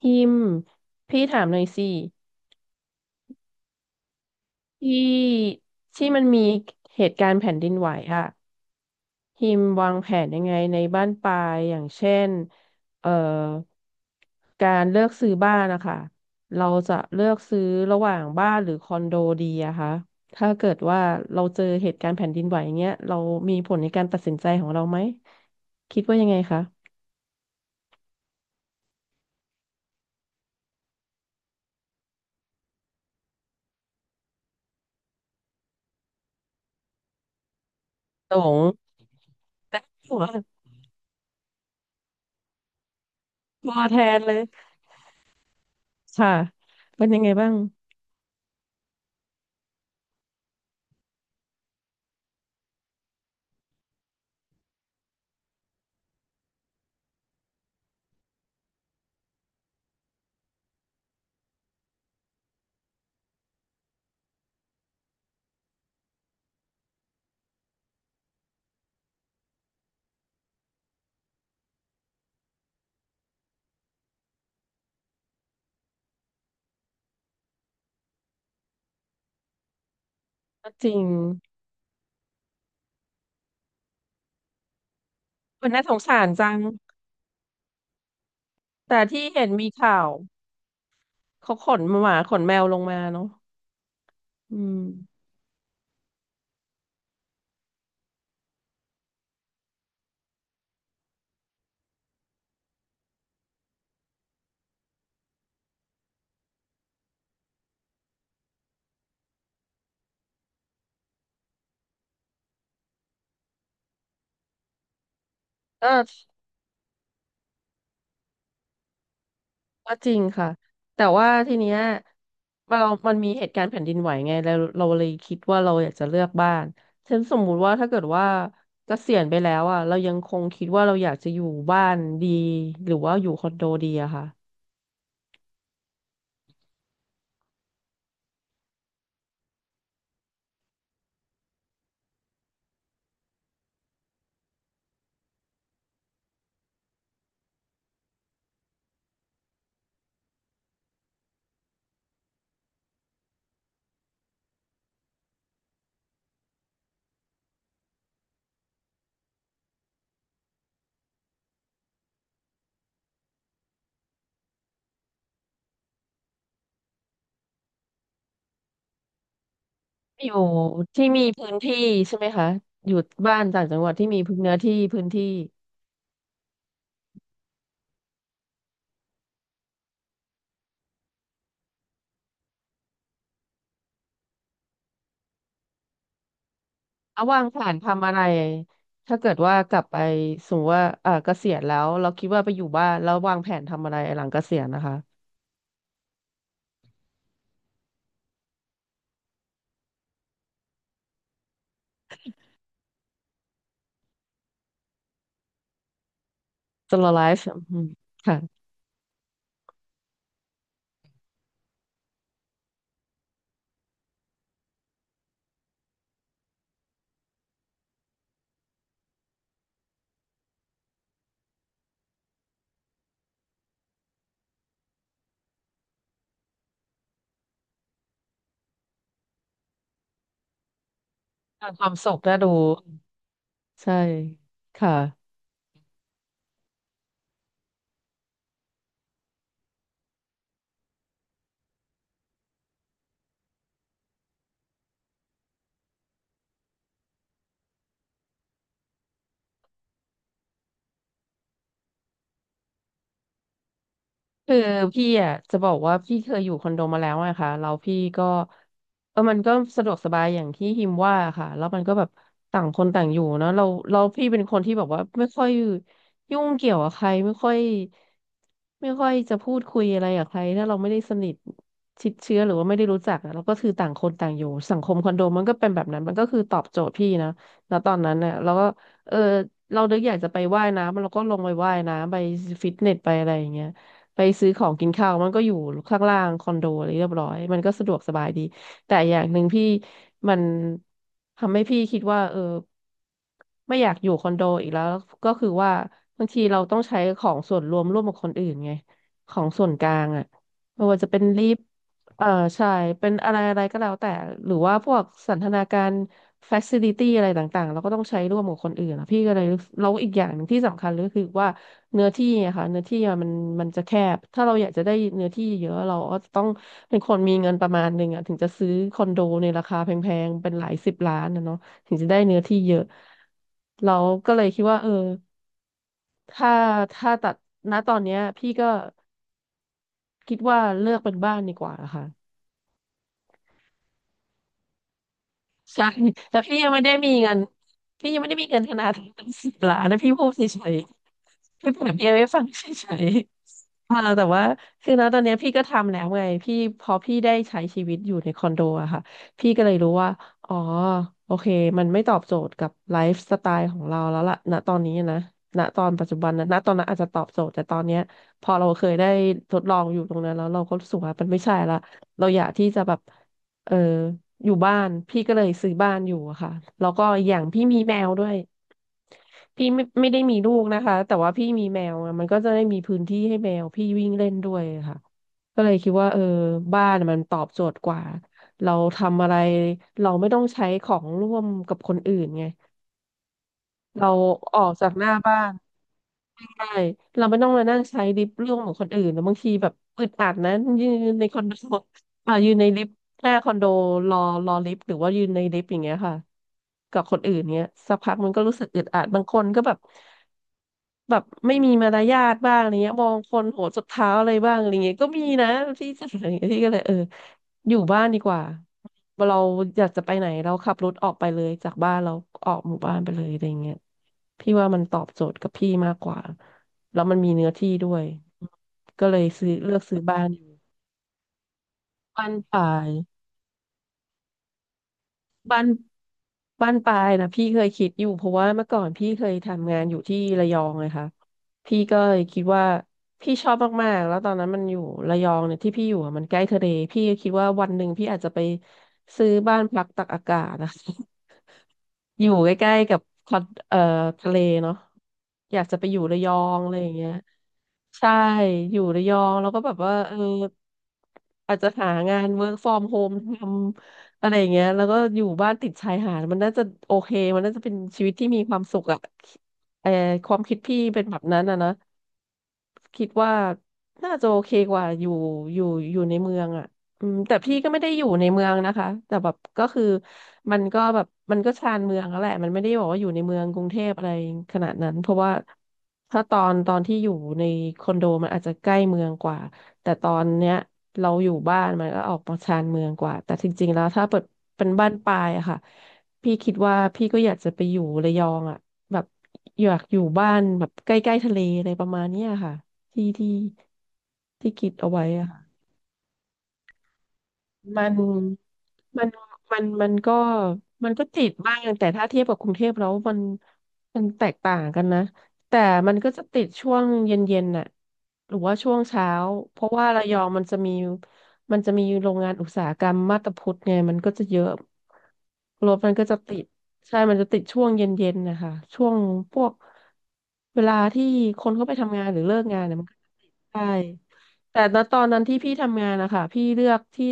พิมพ์พี่ถามหน่อยสิที่ที่มันมีเหตุการณ์แผ่นดินไหวอะพิมพ์วางแผนยังไงในบ้านปลายอย่างเช่นเอ่อการเลือกซื้อบ้านนะคะเราจะเลือกซื้อระหว่างบ้านหรือคอนโดดีอะคะถ้าเกิดว่าเราเจอเหตุการณ์แผ่นดินไหวอย่างเงี้ยเรามีผลในการตัดสินใจของเราไหมคิดว่ายังไงคะโตง แต่หัวตัวแทนเลยค่ะเป็นยังไงบ้างก็จริง มันน่าสงสารจังแต่ที่เห็นมีข่าวเขาขนหมาขนแมวลงมาเนาะอืมก็ก็จริงค่ะแต่ว่าทีเนี้ยเรามันมีเหตุการณ์แผ่นดินไหวไงแล้วเราเลยคิดว่าเราอยากจะเลือกบ้านเช่นสมมุติว่าถ้าเกิดว่าเกษียณไปแล้วอ่ะเรายังคงคิดว่าเราอยากจะอยู่บ้านดีหรือว่าอยู่คอนโดดีอะค่ะอยู่ที่มีพื้นที่ใช่ไหมคะอยู่บ้านต่างจังหวัดที่มีพื้นเนื้อที่พื้นที่ เอาวางแผนทำอะไรถ้าเกิดว่ากลับไปสมมติว่าเออเกษียณแล้วเราคิดว่าไปอยู่บ้านแล้ววางแผนทำอะไรหลังเกษียณนะคะสโลไลฟ์ค่ะทำความสุขน่าดูใช่ค่ะ คือพี่อ่ะจะบอกว่าพี่เคยอยู่คอนโดมาแล้วอะค่ะแล้วพี่ก็เออมันก็สะดวกสบายอย่างที่ฮิมว่าค่ะแล้วมันก็แบบต่างคนต่างอยู่เนาะเราพี่เป็นคนที่แบบว่าไม่ค่อยยุ่งเกี่ยวกับใครไม่ค่อยจะพูดคุยอะไรกับใครถ้าเราไม่ได้สนิทชิดเชื้อหรือว่าไม่ได้รู้จักอะเราก็คือต่างคนต่างอยู่สังคมคอนโดมันก็เป็นแบบนั้นมันก็คือตอบโจทย์พี่นะแล้วตอนนั้นเนี่ยเราก็เออเรานึกอยากจะไปว่ายน้ำเราก็ลงไปว่ายน้ำไปฟิตเนสไปอะไรอย่างเงี้ย ไปซื้อของกินข้าวมันก็อยู่ข้างล่างคอนโดอะไรเรียบร้อยมันก็สะดวกสบายดีแต่อย่างหนึ่งพี่มันทำให้พี่คิดว่าเออไม่อยากอยู่คอนโดอีกแล้วก็คือว่าบางทีเราต้องใช้ของส่วนรวมร่วมกับคนอื่นไงของส่วนกลางอ่ะไม่ว่าจะเป็นลิฟต์เอ่อใช่เป็นอะไรอะไรก็แล้วแต่หรือว่าพวกสันทนาการ f a c i l i t y อะไรต่างๆเราก็ต้องใช้ร่วมกับคนอื่นอะพี่ก็เลยรู้สึกแล้วอีกอย่างหนึ่งที่สำคัญเลยก็คือว่า เนื้อที่อะค่ะเนื้อที่อะมันมันจะแคบถ้าเราอยากจะได้เนื้อที่เยอะเราก็ต้องเป็นคนมีเงินประมาณหนึ่งอะถึงจะซื้อคอนโดในราคาแพงๆเป็นหลายสิบล้านนะเนาะถึงจะได้เนื้อที่เยอะเราก็เลยคิดว่าเออถ้าตัดณตอนเนี้ยพี่ก็คิดว่าเลือกเป็นบ้านดีกว่าค่ะ ใช่แล้วพี่ยังไม่ได้มีเงินพี่ยังไม่ได้มีเงินขนาดตั้งสิบล้านนะพี่พูดเฉยๆพี่เปรียบเทียบให้ฟังเฉยๆอ่าแต่ว่าคือนะตอนเนี้ยพี่ก็ทำแล้วไงพี่พอพี่ได้ใช้ชีวิตอยู่ในคอนโดอะค่ะพี่ก็เลยรู้ว่าอ๋อโอเคมันไม่ตอบโจทย์กับไลฟ์สไตล์ของเราแล้วล่ะณตอนนี้นะณตอนปัจจุบันนะณตอนนั้นอาจจะตอบโจทย์แต่ตอนเนี้ยพอเราเคยได้ทดลองอยู่ตรงนั้นแล้วเราก็รู้สึกว่ามันไม่ใช่ละเราอยากที่จะแบบ เอออยู่บ้านพี่ก็เลยซื้อบ้านอยู่อะค่ะแล้วก็อย่างพี่มีแมวด้วยพี่ไม่ได้มีลูกนะคะแต่ว่าพี่มีแมวอะมันก็จะได้มีพื้นที่ให้แมวพี่วิ่งเล่นด้วยอะค่ะก็เลยคิดว่าเออบ้านมันตอบโจทย์กว่าเราทำอะไรเราไม่ต้องใช้ของร่วมกับคนอื่นไงเราออกจากหน้าบ้าน ใช่เราไม่ต้องมานั่งใช้ลิฟต์ร่วมของคนอื่นแล้วบางทีแบบอึดอัดนะยืนในคอนโด อ่ายืนในลิฟต์หน้าคอนโดรอรอลิฟต์หรือว่ายืนในลิฟต์อย่างเงี้ยค่ะกับคนอื่นเงี้ยสักพักมันก็รู้สึกอึดอัดบางคนก็แบบ แบบไม่มีมารยาทบ้างอะไรเงี้ยมองคนโหวสุดเท้าอะไรบ้างอะไรเงี้ยก็มีนะที่จะ อะไรเงี้ยที่ก็เลยเอออยู่บ้านดีกว่าเราอยากจะไปไหนเราขับรถออกไปเลยจากบ้านเราออกหมู่บ้านไปเลยอะไรเงี้ยพี่ว่ามันตอบโจทย์กับพี่มากกว่าแล้วมันมีเนื้อที่ด้วยก็เลยซื้อเลือกซื้อบ้านอยู่บ้านป่าย บ้านบ้านปลายนะพี่เคยคิดอยู่เพราะว่าเมื่อก่อนพี่เคยทำงานอยู่ที่ระยองเลยค่ะพี่ก็เลยคิดว่าพี่ชอบมากๆแล้วตอนนั้นมันอยู่ระยองเนี่ยที่พี่อยู่อะมันใกล้ทะเลพี่ก็คิดว่าวันหนึ่งพี่อาจจะไปซื้อบ้านพักตักอากาศนะ อยู่ใกล้ๆกับคอนเอ่อทะเลเนาะอยากจะไปอยู่ระยองอะไรอย่างเงี้ยใช่อยู่ระยองแล้วก็แบบว่าเอออาจจะหางาน work from home ทำอะไรอย่างเงี้ยแล้วก็อยู่บ้านติดชายหาดมันน่าจะโอเคมันน่าจะเป็นชีวิตที่มีความสุขอะเออความคิดพี่เป็นแบบนั้นอะนะคิดว่าน่าจะโอเคกว่าอยู่อยู่อยู่ในเมืองอะ อืมแต่พี่ก็ไม่ได้อยู่ในเมืองนะคะแต่แบบก็คือมันก็แบบมันก็ชานเมืองแล้วแหละมันไม่ได้บอกว่าอยู่ในเมืองกรุงเทพอะไรขนาดนั้นเพราะว่าถ้าตอนที่อยู่ในคอนโดมันอาจจะใกล้เมืองกว่าแต่ตอนเนี้ยเราอยู่บ้านมันก็ออกมาชานเมืองกว่าแต่จริงๆแล้วถ้าเปิดเป็นบ้านปลายอะค่ะพี่คิดว่าพี่ก็อยากจะไปอยู่ระยองอะแบบอยากอยู่บ้านแบบใกล้ๆทะเลอะไรประมาณเนี้ยค่ะที่ที่คิดเอาไว้อะ มันมันมันก็มันก็ติดบ้างแต่ถ้าเทียบกับกรุงเทพแล้วมันแตกต่างกันนะแต่มันก็จะติดช่วงเย็นๆน่ะหรือว่าช่วงเช้าเพราะว่าระยองมันจะมีโรงงานอุตสาหกรรมมาบตาพุดไงมันก็จะเยอะรถมันก็จะติดใช่มันจะติดช่วงเย็นๆนะคะช่วงพวกเวลาที่คนเขาไปทำงานหรือเลิกงานเนี่ยมันก็ใช่ แต่ณตอนนั้นที่พี่ทำงานนะคะพี่เลือกที่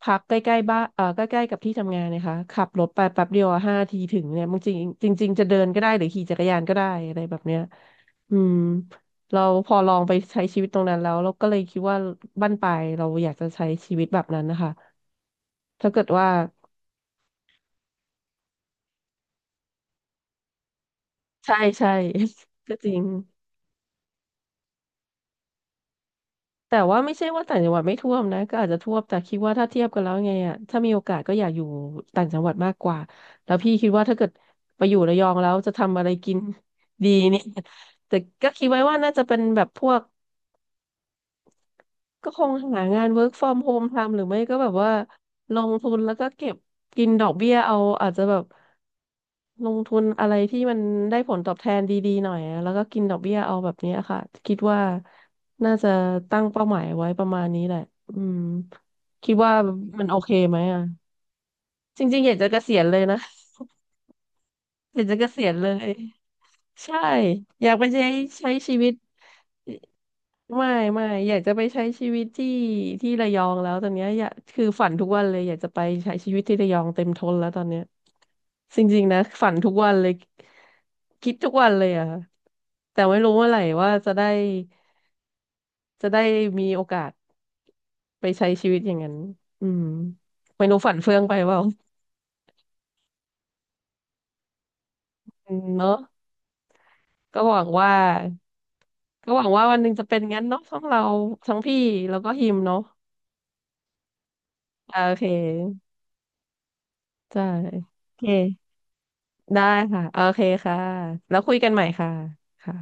พักใกล้ๆบ้านใกล้ๆกับที่ทำงานนะคะขับรถไปแป๊บเดียวห้าทีถึงเนี่ยบางทีจริงจริงๆจะเดินก็ได้หรือขี่จักรยานก็ได้อะไรแบบเนี้ยอืมเราพอลองไปใช้ชีวิตตรงนั้นแล้วเราก็เลยคิดว่าบั้นปลายเราอยากจะใช้ชีวิตแบบนั้นนะคะถ้าเกิดว่าใช่ใช่ ก็จริง แต่ว่าไม่ใช่ว่าต่างจังหวัดไม่ท่วมนะก็อาจจะท่วมแต่คิดว่าถ้าเทียบกันแล้วไงอ่ะถ้ามีโอกาสก็อยากอยู่ต่างจังหวัดมากกว่าแล้วพี่คิดว่าถ้าเกิดไปอยู่ระยองแล้วจะทำอะไรกิน ดีเนี่ย แต่ก็คิดไว้ว่าน่าจะเป็นแบบพวกก็คงหางาน work from home ทำหรือไม่ก็แบบว่าลงทุนแล้วก็เก็บกินดอกเบี้ยเอาอาจจะแบบ ลงทุนอะไรที่มันได้ผลตอบแทนดีๆหน่อยอะแล้วก็กินดอกเบี้ยเอาแบบเนี้ยค่ะคิดว่าน่าจะตั้งเป้าหมายไว้ประมาณนี้แหละอืมคิดว่ามันโอเคไหมอ่ะจริงๆอยากจะเกษียณเลยนะ อยากจะเกษียณเลยใช่อยากไปใช้ใช้ชีวิต ไม่ไม่อยากจะไปใช้ชีวิตที่ที่ระยองแล้วตอนเนี้ยอยากคือฝันทุกวันเลยอยากจะไปใช้ชีวิตที่ระยองเต็มทนแล้วตอนเนี้ยจริงๆนะฝันทุกวันเลยคิดทุกวันเลยอะค่ะแต่ไม่รู้เมื่อไหร่ว่าจะได้จะได้มีโอกาสไปใช้ชีวิตอย่างนั้นอืมไม่รู้ฝันเฟื่องไปเปล่า อืมเนาะก็หวังว่าก็หวังว่าวันหนึ่งจะเป็นงั้นเนาะทั้งเราทั้งพี่แล้วก็ฮิมเนาะอ่าโอเคใช่โอเค ได้ค่ะโอเคค่ะแล้วคุยกันใหม่ค่ะค่ะ